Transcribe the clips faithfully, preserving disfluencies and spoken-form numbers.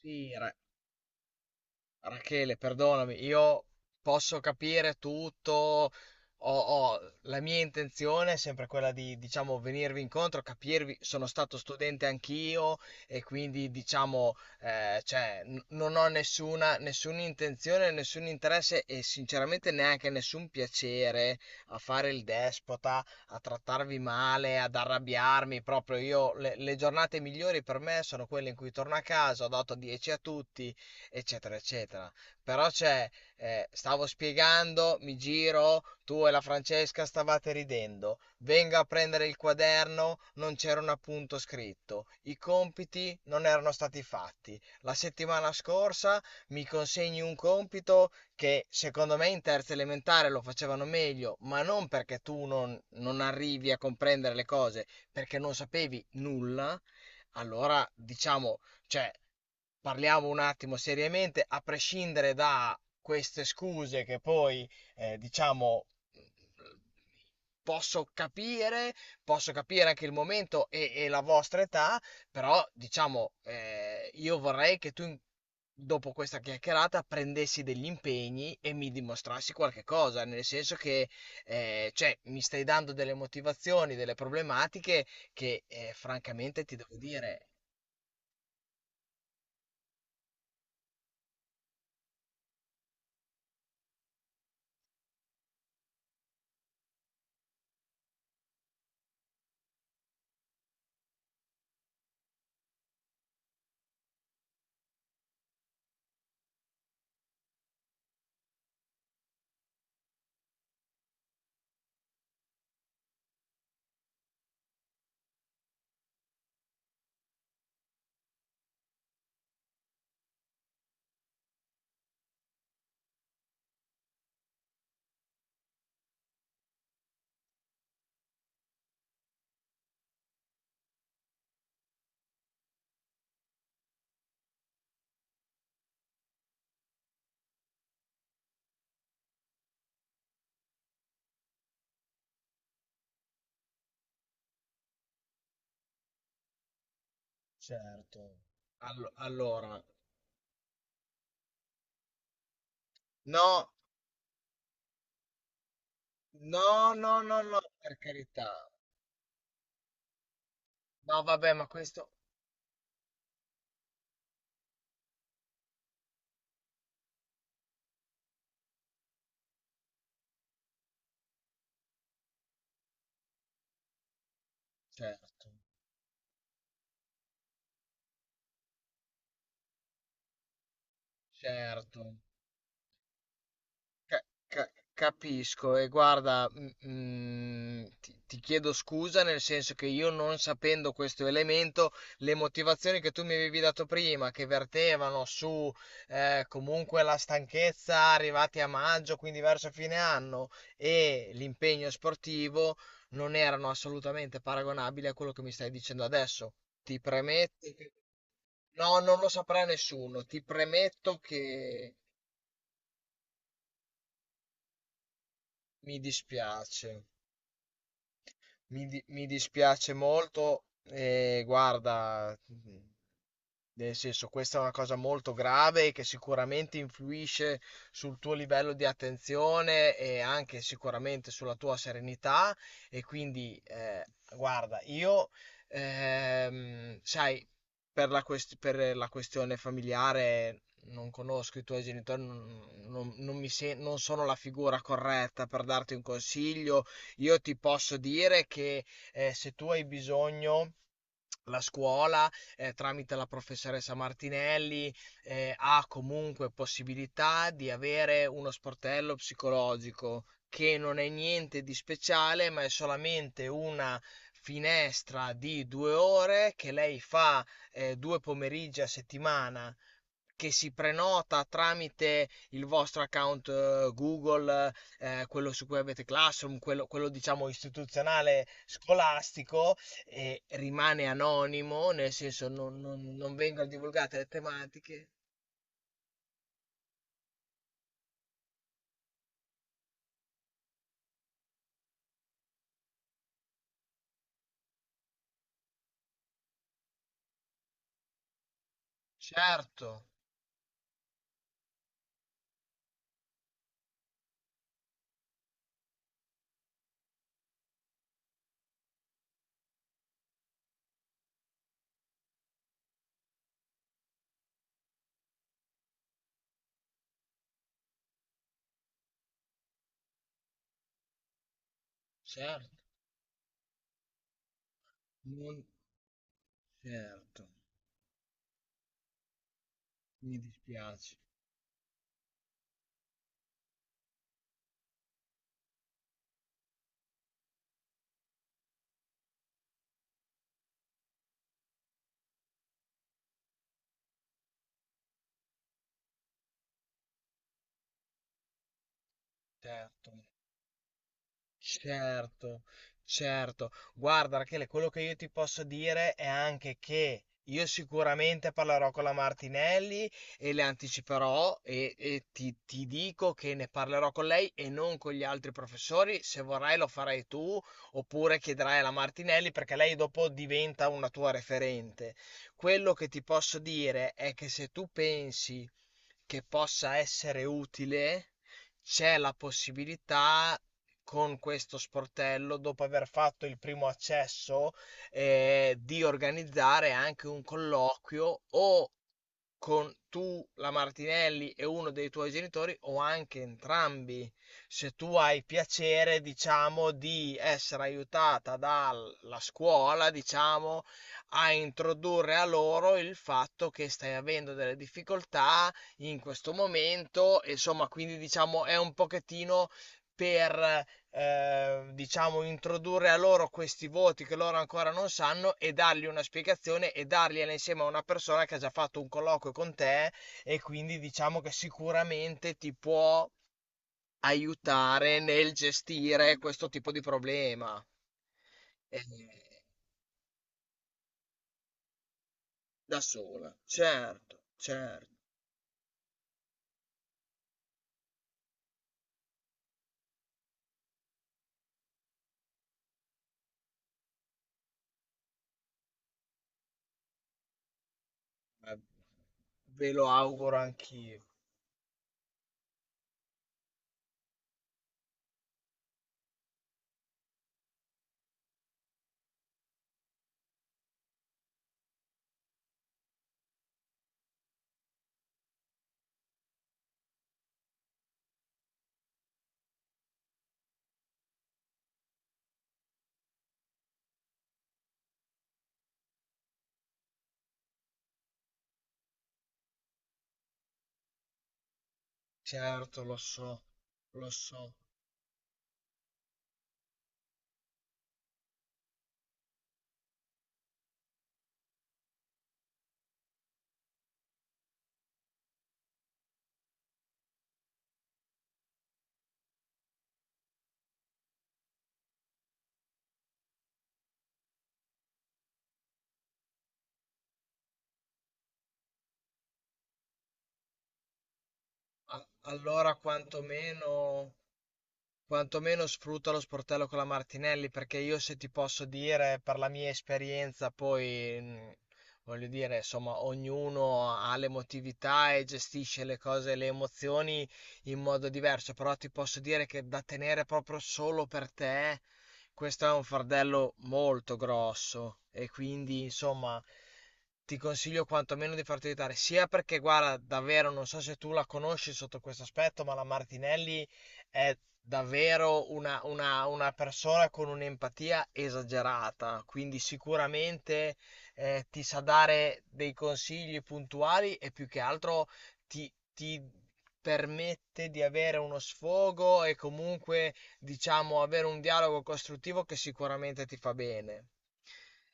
Sì, Ra- Rachele, perdonami, io posso capire tutto, ho- ho- la mia intenzione è sempre quella di, diciamo, venirvi incontro, capirvi, sono stato studente anch'io e quindi, diciamo, eh, cioè, n- non ho nessuna, nessuna intenzione, nessun interesse e sinceramente neanche nessun piacere a fare il despota, a trattarvi male, ad arrabbiarmi, proprio io, le, le giornate migliori per me sono quelle in cui torno a casa, ho dato dieci a tutti, eccetera, eccetera. Però c'è, eh, stavo spiegando, mi giro, tu e la Francesca stavate ridendo, vengo a prendere il quaderno, non c'era un appunto scritto, i compiti non erano stati fatti. La settimana scorsa mi consegni un compito che secondo me in terza elementare lo facevano meglio, ma non perché tu non, non arrivi a comprendere le cose, perché non sapevi nulla. Allora, diciamo, cioè, parliamo un attimo seriamente, a prescindere da queste scuse che poi, eh, diciamo, posso capire, posso capire anche il momento e, e la vostra età, però, diciamo, eh, io vorrei che tu, in- dopo questa chiacchierata, prendessi degli impegni e mi dimostrassi qualche cosa, nel senso che, eh, cioè, mi stai dando delle motivazioni, delle problematiche che, eh, francamente, ti devo dire. Certo. Allo- allora, no, no, no, no, no, per carità. No, vabbè, ma questo... Certo, certo. Ca- ca- Capisco e guarda, mm, mm, ti, ti chiedo scusa nel senso che io non sapendo questo elemento, le motivazioni che tu mi avevi dato prima, che vertevano su eh, comunque la stanchezza arrivati a maggio, quindi verso fine anno, e l'impegno sportivo, non erano assolutamente paragonabili a quello che mi stai dicendo adesso. Ti premetto che... No, non lo saprà nessuno, ti premetto che mi dispiace. Mi, di- mi dispiace molto, e guarda, nel senso, questa è una cosa molto grave che sicuramente influisce sul tuo livello di attenzione e anche sicuramente sulla tua serenità. E quindi, eh, guarda, io, ehm, sai, per la, quest- per la questione familiare non conosco i tuoi genitori, non, non- non mi sen- non sono la figura corretta per darti un consiglio. Io ti posso dire che eh, se tu hai bisogno, la scuola, eh, tramite la professoressa Martinelli, eh, ha comunque possibilità di avere uno sportello psicologico che non è niente di speciale, ma è solamente una finestra di due ore che lei fa eh, due pomeriggi a settimana, che si prenota tramite il vostro account eh, Google, eh, quello su cui avete Classroom, quello, quello, diciamo istituzionale scolastico, e rimane anonimo, nel senso non, non- non vengono divulgate le tematiche. Certo, certo, non certo, mi dispiace, certo. Certo, certo. Guarda, Rachele, quello che io ti posso dire è anche che io sicuramente parlerò con la Martinelli e le anticiperò e, e ti, ti dico che ne parlerò con lei e non con gli altri professori. Se vorrai lo farai tu oppure chiederai alla Martinelli perché lei dopo diventa una tua referente. Quello che ti posso dire è che se tu pensi che possa essere utile c'è la possibilità con questo sportello, dopo aver fatto il primo accesso, eh, di organizzare anche un colloquio o con tu, la Martinelli e uno dei tuoi genitori o anche entrambi. Se tu hai piacere, diciamo, di essere aiutata dalla scuola, diciamo, a introdurre a loro il fatto che stai avendo delle difficoltà in questo momento, e insomma, quindi diciamo è un pochettino per eh, diciamo, introdurre a loro questi voti che loro ancora non sanno e dargli una spiegazione e dargliela insieme a una persona che ha già fatto un colloquio con te e quindi diciamo che sicuramente ti può aiutare nel gestire questo tipo di problema. Eh, da sola, certo, certo. Eh, Ve lo auguro anch'io. Certo, lo so, lo so. A- allora quantomeno Quantomeno sfrutta lo sportello con la Martinelli, perché io se ti posso dire, per la mia esperienza, poi mh, voglio dire, insomma, ognuno ha l'emotività e gestisce le cose, le emozioni in modo diverso, però ti posso dire che da tenere proprio solo per te, questo è un fardello molto grosso e quindi, insomma, ti consiglio quantomeno di farti aiutare, sia perché, guarda, davvero non so se tu la conosci sotto questo aspetto, ma la Martinelli è davvero una, una- una persona con un'empatia esagerata, quindi sicuramente eh, ti sa dare dei consigli puntuali e più che altro ti, ti permette di avere uno sfogo e comunque diciamo, avere un dialogo costruttivo che sicuramente ti fa bene.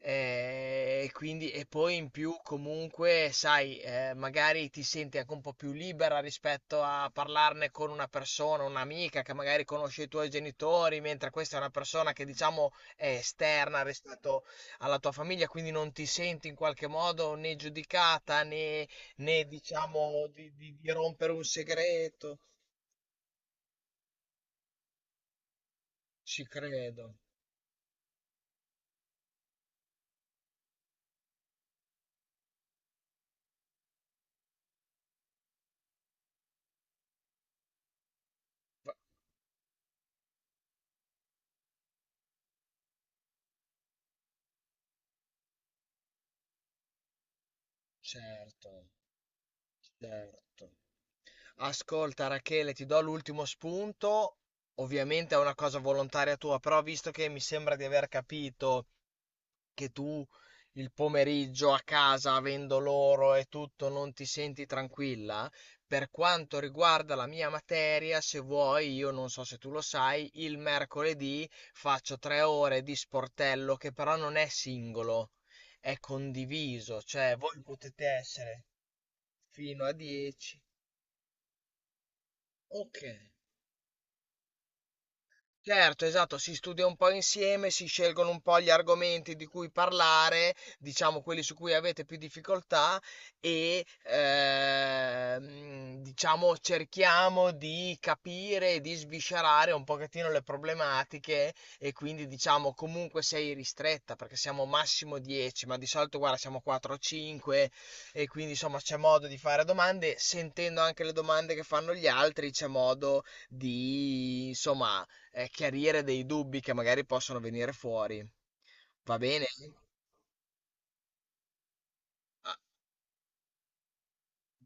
Eh, E quindi, e poi in più, comunque, sai, eh, magari ti senti anche un po' più libera rispetto a parlarne con una persona, un'amica che magari conosce i tuoi genitori, mentre questa è una persona che, diciamo, è esterna rispetto alla tua famiglia, quindi non ti senti in qualche modo né giudicata né, né, diciamo, di, di di rompere un segreto. Ci credo, certo. Certo. Ascolta Rachele, ti do l'ultimo spunto. Ovviamente è una cosa volontaria tua, però visto che mi sembra di aver capito che tu il pomeriggio a casa, avendo loro e tutto, non ti senti tranquilla, per quanto riguarda la mia materia, se vuoi, io non so se tu lo sai, il mercoledì faccio tre ore di sportello che però non è singolo, è condiviso, cioè voi potete essere fino a dieci. Ok. Certo, esatto, si studia un po' insieme, si scelgono un po' gli argomenti di cui parlare, diciamo quelli su cui avete più difficoltà e ehm, diciamo cerchiamo di capire e di sviscerare un pochettino le problematiche e quindi diciamo comunque sei ristretta perché siamo massimo dieci, ma di solito guarda siamo quattro o cinque e quindi insomma c'è modo di fare domande, sentendo anche le domande che fanno gli altri c'è modo di insomma eh, chiarire dei dubbi che magari possono venire fuori. Va bene? Ah,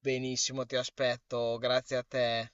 benissimo, ti aspetto. Grazie a te.